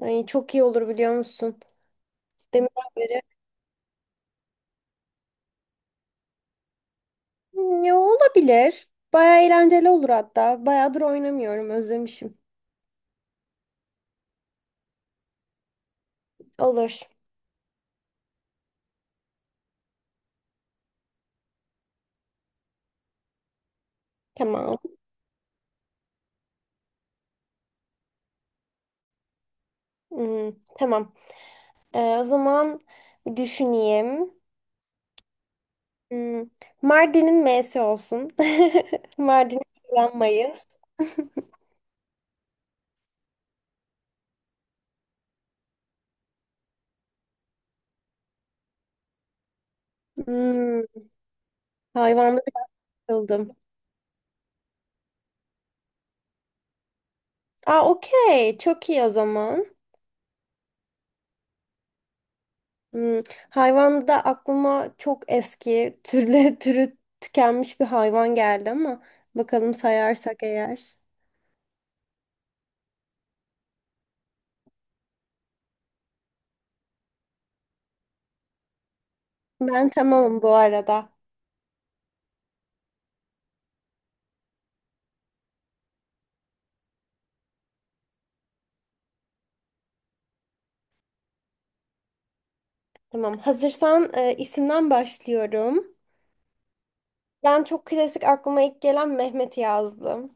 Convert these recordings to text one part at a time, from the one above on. Ay, çok iyi olur biliyor musun? Deminden beri. Ya olabilir. Baya eğlenceli olur hatta. Bayağıdır oynamıyorum. Özlemişim. Olur. Tamam. Hmm, tamam. O zaman bir düşüneyim. Hmm, Mardin'in M'si olsun. Mardin'i kullanmayız. Hmm, hayvanda bir kıldım. Aa, okey. Çok iyi o zaman. Hmm, hayvanda aklıma çok eski türü tükenmiş bir hayvan geldi ama bakalım sayarsak eğer. Ben tamamım bu arada. Tamam. Hazırsan isimden başlıyorum. Ben çok klasik aklıma ilk gelen Mehmet yazdım.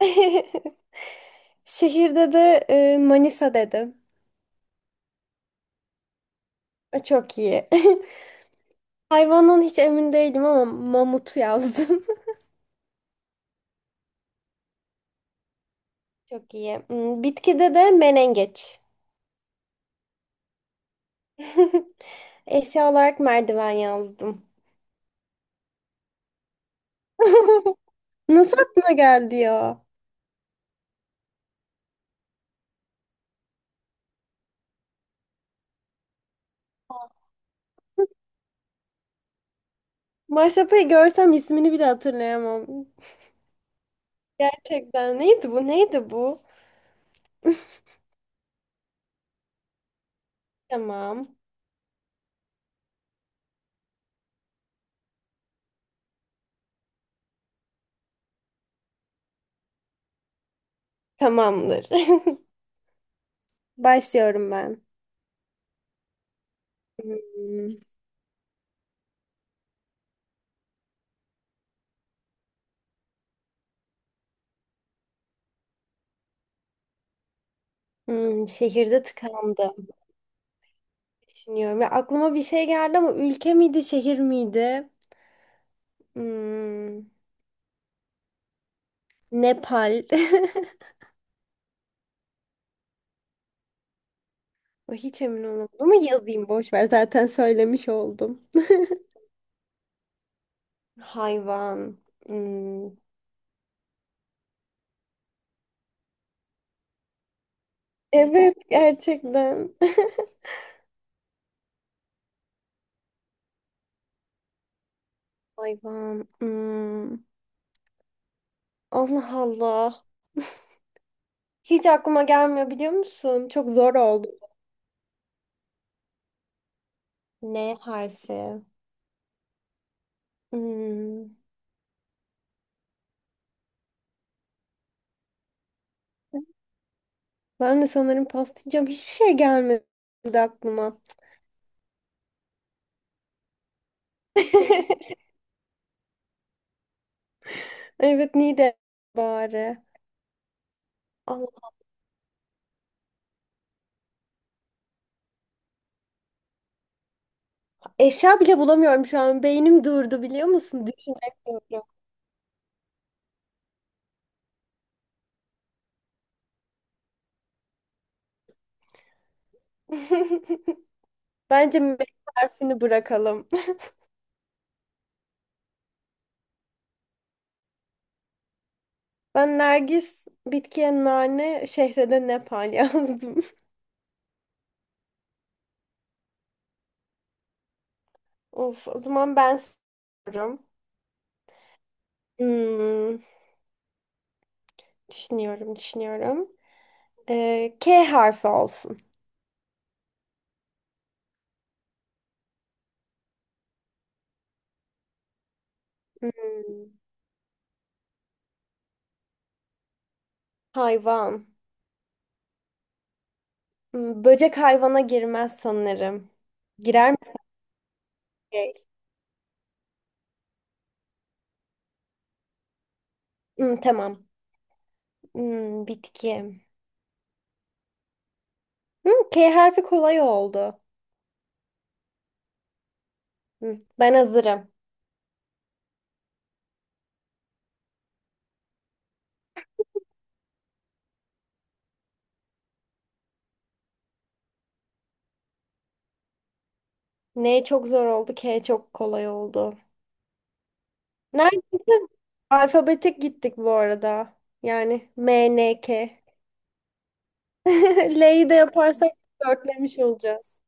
Şehirde de Manisa dedim. Çok iyi. Hayvandan hiç emin değilim ama mamutu yazdım. Çok iyi. Bitkide de menengeç. Eşya olarak merdiven yazdım. Nasıl aklına geldi ya? Maşrapayı görsem ismini bile hatırlayamam. Gerçekten neydi bu? Neydi bu? Tamam. Tamamdır. Başlıyorum ben. Hmm, şehirde tıkandım. Düşünüyorum. Ya aklıma bir şey geldi ama ülke miydi, şehir miydi? Hmm, Nepal. Hiç emin olamadım ama yazayım boş ver zaten söylemiş oldum. Hayvan. Hmm. Evet gerçekten. Hayvan. Hmm. Allah Allah. Hiç aklıma gelmiyor biliyor musun? Çok zor oldu. N harfi. Hmm. Ben de sanırım paslayacağım. Hiçbir şey gelmedi aklıma. Evet, Nide bari. Allah. Eşya bile bulamıyorum şu an. Beynim durdu biliyor musun? Düşünemiyorum. Bence M harfini bırakalım. Ben Nergis, bitkiye nane, şehrede Nepal yazdım. Of, o zaman ben soruyorum. Hmm, düşünüyorum, düşünüyorum. K harfi olsun. Hmm, hayvan. Böcek hayvana girmez sanırım. Girer mi? Böcek. Tamam. Bitki. K harfi kolay oldu. Ben hazırım. N çok zor oldu, K çok kolay oldu. Neredeyse alfabetik gittik bu arada. Yani M N K. L'yi de yaparsak dörtlemiş olacağız.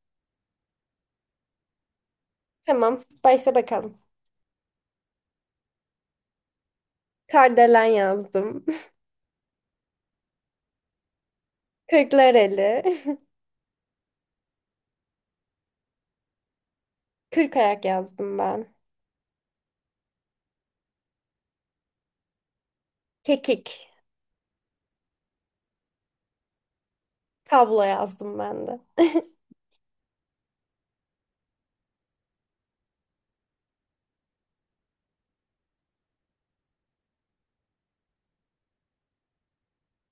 Tamam, başla bakalım. Kardelen yazdım. Kırklareli. Kırk ayak yazdım ben. Kekik. Kablo yazdım ben de.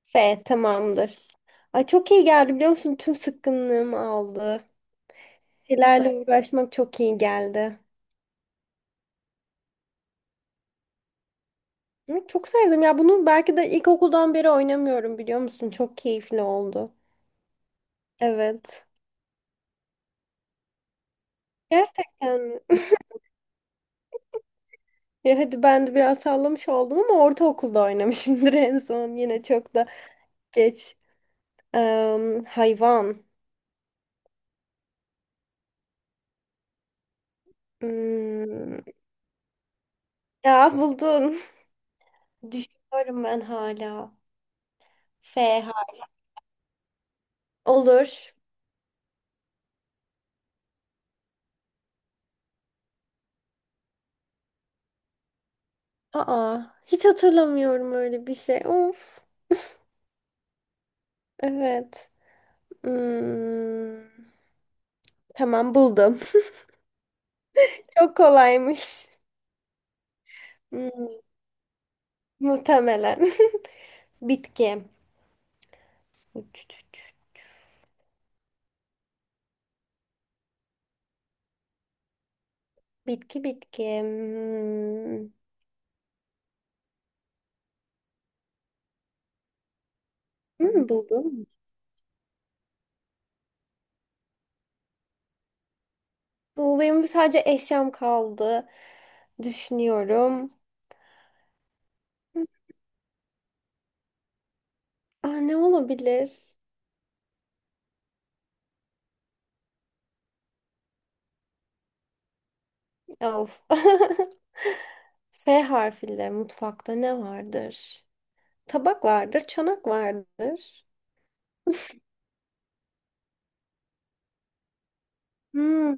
F tamamdır. Ay çok iyi geldi biliyor musun? Tüm sıkkınlığımı aldı. Şeylerle uğraşmak çok iyi geldi. Hı, çok sevdim ya bunu, belki de ilkokuldan beri oynamıyorum biliyor musun? Çok keyifli oldu. Evet. Gerçekten mi? Ya hadi ben de biraz sallamış oldum ama ortaokulda oynamışımdır en son. Yine çok da geç. Hayvan. Hmm. Ya buldun. Düşünüyorum ben hala. F har- Olur. Aa, hiç hatırlamıyorum öyle bir şey. Of. Evet. Hmm. Tamam buldum. Çok kolaymış. Hmm, Muhtemelen. Bitki. Bitki. Hmm. Buldum. Bu benim, sadece eşyam kaldı. Düşünüyorum. Aa, ne olabilir? Of. F harfiyle mutfakta ne vardır? Tabak vardır, çanak vardır. Hmm,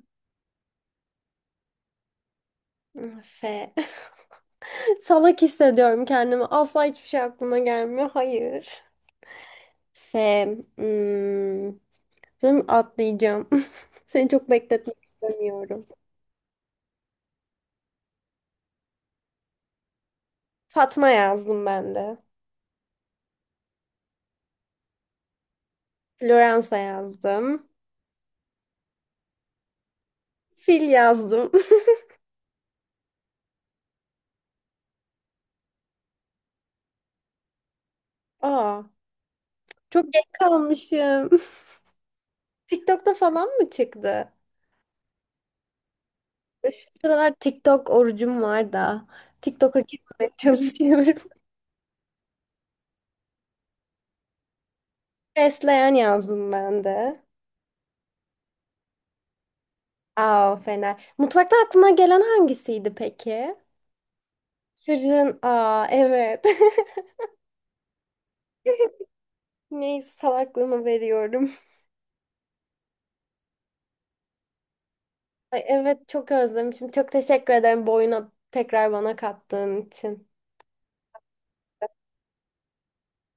F. Salak hissediyorum kendimi. Asla hiçbir şey aklıma gelmiyor. Hayır. F. Hmm. Sanırım atlayacağım. Seni çok bekletmek istemiyorum. Fatma yazdım ben de. Floransa yazdım. Fil yazdım. Aa, çok geç kalmışım. TikTok'ta falan mı çıktı? Şu sıralar TikTok orucum var da. TikTok'a girmemeye çalışıyorum. Fesleğen yazdım ben de. Aa, fena. Mutfakta aklına gelen hangisiydi peki? Fırın. Aa, evet. Neyse salaklığımı veriyorum. Ay, evet çok özlemişim. Çok teşekkür ederim bu oyunu tekrar bana kattığın için.